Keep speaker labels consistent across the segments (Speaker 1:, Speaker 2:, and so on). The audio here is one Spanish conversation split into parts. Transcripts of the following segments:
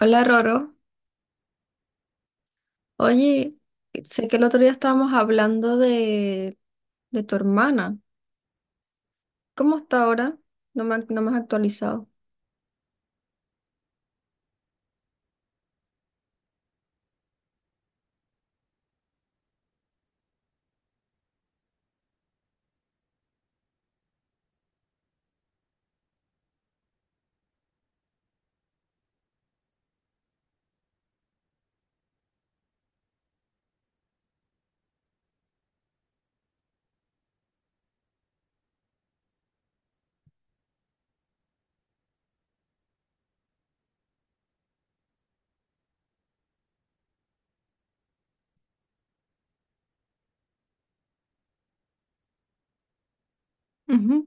Speaker 1: Hola Roro, oye, sé que el otro día estábamos hablando de tu hermana. ¿Cómo está ahora? No me has actualizado. Ujú.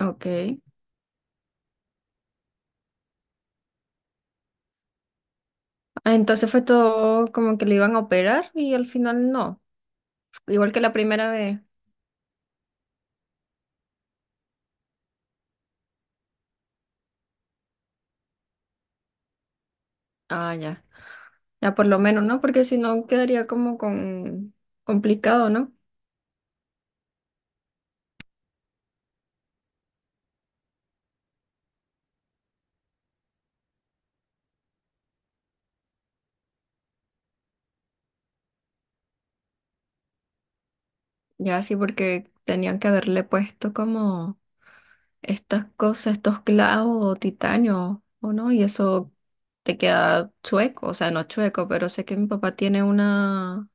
Speaker 1: Ok. Ah, entonces fue todo como que le iban a operar y al final no. Igual que la primera vez. Ah, ya. Ya por lo menos, ¿no? Porque si no quedaría como con complicado, ¿no? Ya sí, porque tenían que haberle puesto como estas cosas, estos clavos o titanio, o no, y eso te queda chueco, o sea, no chueco, pero sé que mi papá tiene una,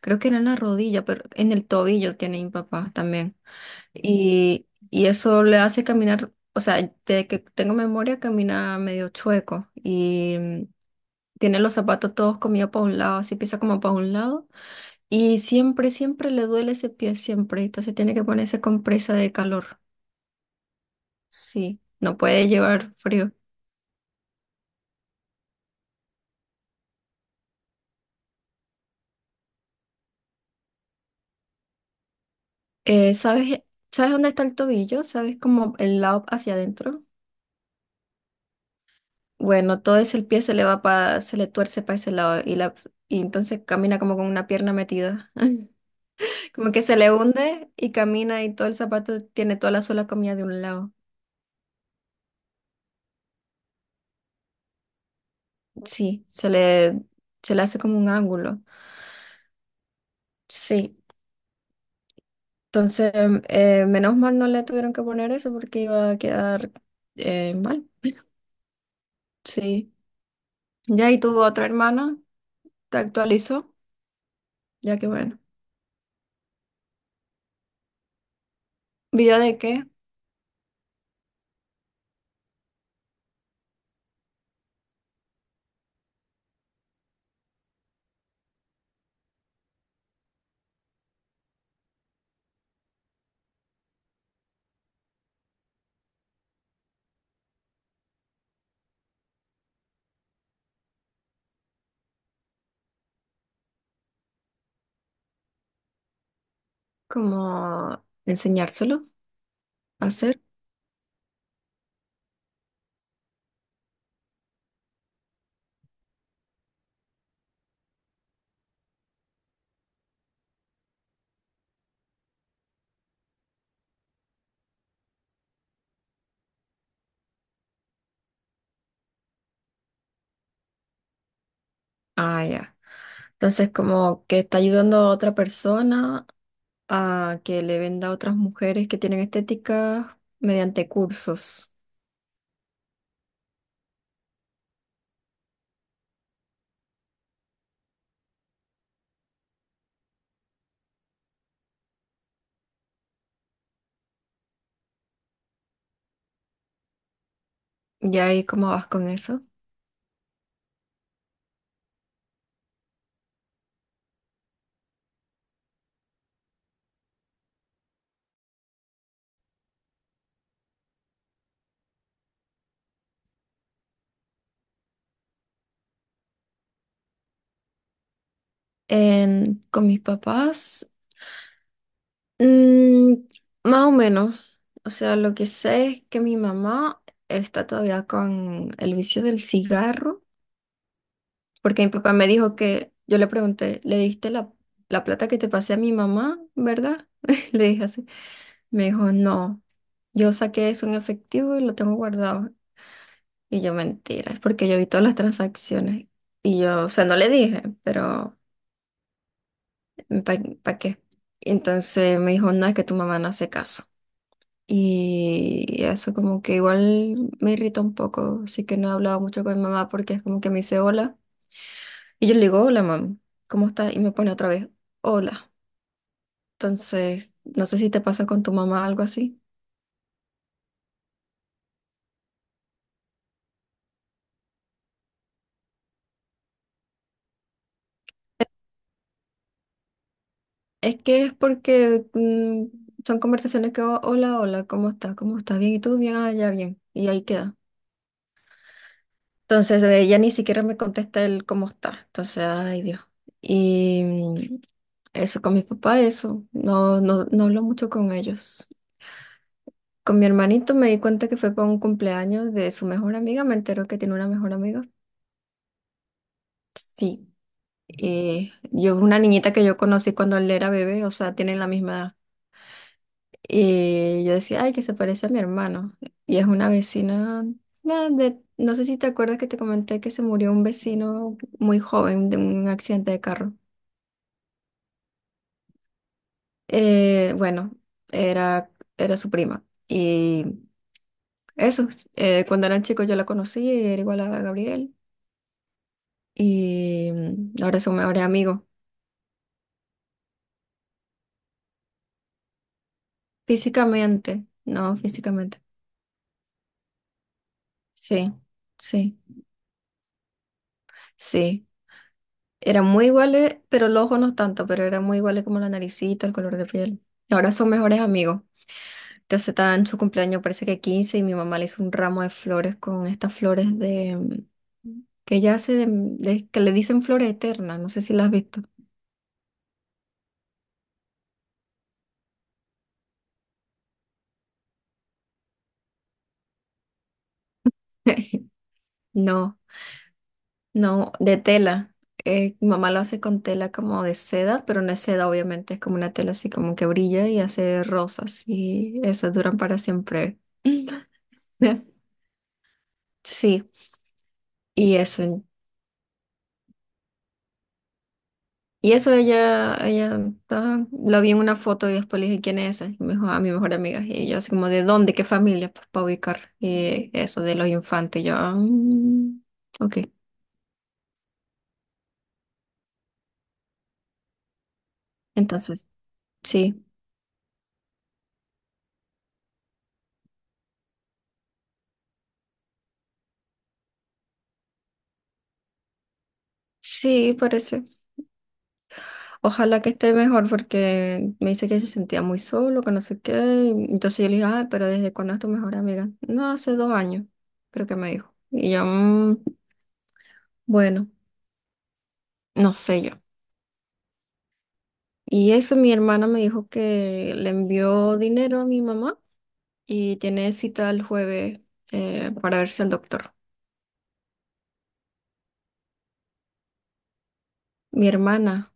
Speaker 1: creo que era en la rodilla, pero en el tobillo tiene mi papá también. Y eso le hace caminar, o sea, desde que tengo memoria camina medio chueco y tiene los zapatos todos comidos para un lado, así pisa como para un lado. Y siempre, siempre le duele ese pie, siempre. Entonces tiene que ponerse compresa de calor. Sí, no puede llevar frío. ¿Sabes, sabes dónde está el tobillo? ¿Sabes como el lado hacia adentro? Bueno, todo ese el pie se le va se le tuerce para ese lado y entonces camina como con una pierna metida. Como que se le hunde y camina y todo el zapato tiene toda la sola comida de un lado. Sí, se le, se le hace como un ángulo. Sí. Entonces, menos mal no le tuvieron que poner eso porque iba a quedar mal. Sí. Ya, y tu otra hermana te actualizó, ya que bueno. ¿Video de qué? Como enseñárselo a hacer. Ah, ya. Entonces, como que está ayudando a otra persona a que le venda a otras mujeres que tienen estética mediante cursos. ¿Y ahí cómo vas con eso? En- con mis papás, mm, más o menos. O sea, lo que sé es que mi mamá está todavía con el vicio del cigarro. Porque mi papá me dijo que, yo le pregunté, ¿le diste la plata que te pasé a mi mamá, verdad? Le dije así. Me dijo, no, yo saqué eso en efectivo y lo tengo guardado. Y yo, mentira, es porque yo vi todas las transacciones. Y yo, o sea, no le dije, pero ¿para qué? Entonces me dijo, no, es que tu mamá no hace caso. Y eso como que igual me irrita un poco, así que no he hablado mucho con mi mamá porque es como que me dice hola. Y yo le digo, hola, mam, ¿cómo estás? Y me pone otra vez, hola. Entonces, no sé si te pasa con tu mamá algo así. Es que es porque son conversaciones que, "Oh, hola, hola, ¿cómo estás? ¿Cómo estás? ¿Bien? ¿Y tú? Bien, ah, ya, bien." Y ahí queda. Entonces, ella ni siquiera me contesta el cómo está. Entonces, ay, Dios. Y eso con mis papás, eso. No, no, no hablo mucho con ellos. Con mi hermanito me di cuenta que fue para un cumpleaños de su mejor amiga. Me enteró que tiene una mejor amiga. Sí. Una niñita que yo conocí cuando él era bebé, o sea, tienen la misma edad. Y yo decía, ay, que se parece a mi hermano. Y es una vecina, no sé si te acuerdas que te comenté que se murió un vecino muy joven de un accidente de carro. Bueno, era, era su prima. Y eso, cuando eran chicos yo la conocí, era igual a Gabriel. Y ahora es un mejor amigo. Físicamente, no físicamente. Sí, sí. Sí, eran muy iguales, pero los ojos no tanto, pero eran muy iguales como la naricita, el color de piel. Y ahora son mejores amigos. Entonces está en su cumpleaños, parece que 15 y mi mamá le hizo un ramo de flores con estas flores de... mm, que ella hace que le dicen flores eternas, no sé si las has visto. No, no, de tela. Mi mamá lo hace con tela como de seda, pero no es seda, obviamente, es como una tela así como que brilla y hace rosas y esas duran para siempre. Sí, y eso. Y eso ella estaba- lo vi en una foto y después le dije, ¿quién es esa? Y me dijo, ah, mi mejor amiga. Y yo así como, ¿de dónde? ¿Qué familia? Pues para ubicar y eso de los infantes. Y yo, "Ah, mm, ok." Entonces, sí, sí, parece. Ojalá que esté mejor porque me dice que se sentía muy solo, que no sé qué. Y entonces yo le dije, ah, pero ¿desde cuándo es tu mejor amiga? No, hace 2 años, creo que me dijo. Y yo, "Mm, bueno, no sé yo." Y eso, mi hermana me dijo que le envió dinero a mi mamá y tiene cita el jueves para verse al doctor. Mi hermana,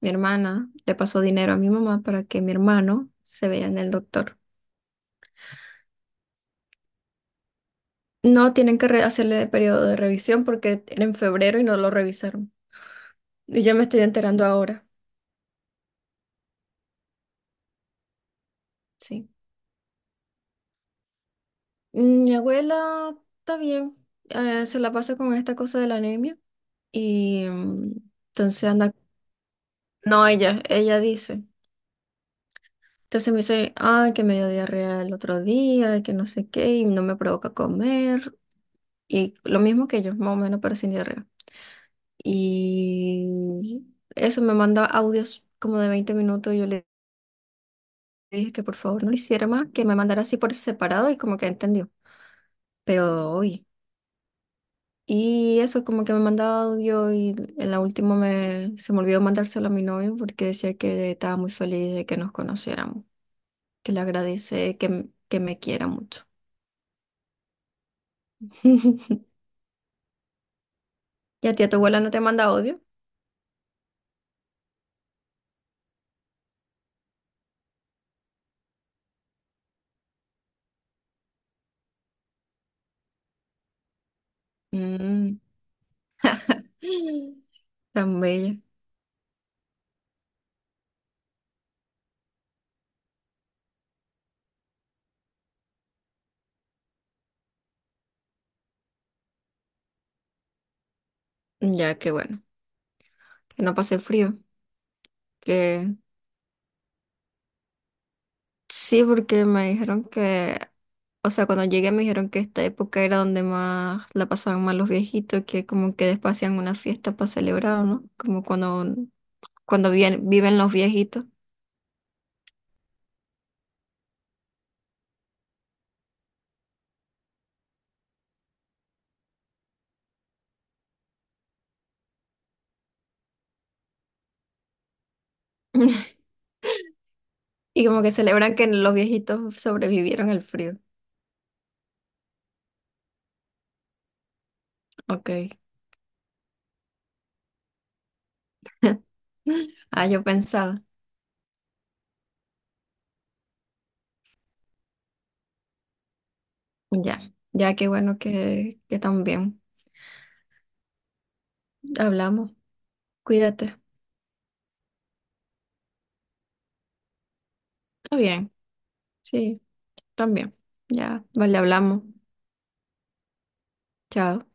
Speaker 1: mi hermana le pasó dinero a mi mamá para que mi hermano se vea en el doctor. No tienen que re- hacerle periodo de revisión porque era en febrero y no lo revisaron. Y yo me estoy enterando ahora, sí. Mm, mi abuela está bien, se la pasa con esta cosa de la anemia y entonces anda... No, ella dice. Entonces me dice, ay, que me dio diarrea el otro día, que no sé qué, y no me provoca comer. Y lo mismo que yo, más o menos, pero sin diarrea. Y eso me manda audios como de 20 minutos. Yo le dije que por favor no lo hiciera más, que me mandara así por separado y como que entendió. Pero hoy. Y eso, como que me mandaba audio y en la última se me olvidó mandárselo a mi novio porque decía que estaba muy feliz de que nos conociéramos, que le agradece, que me quiera mucho. ¿Y a ti, a tu abuela no te manda odio? Mm. Tan bella. Ya que bueno, que no pasé frío. Que sí, porque me dijeron que, o sea, cuando llegué me dijeron que esta época era donde más la pasaban mal los viejitos, que como que después hacían una fiesta para celebrar, ¿no? Como cuando, cuando viven, viven los viejitos. Y como que celebran que los viejitos sobrevivieron al frío. Ok. Ah, yo pensaba. Ya, ya que bueno que también hablamos. Cuídate. Está bien, sí, también. Ya, vale, hablamos. Chao.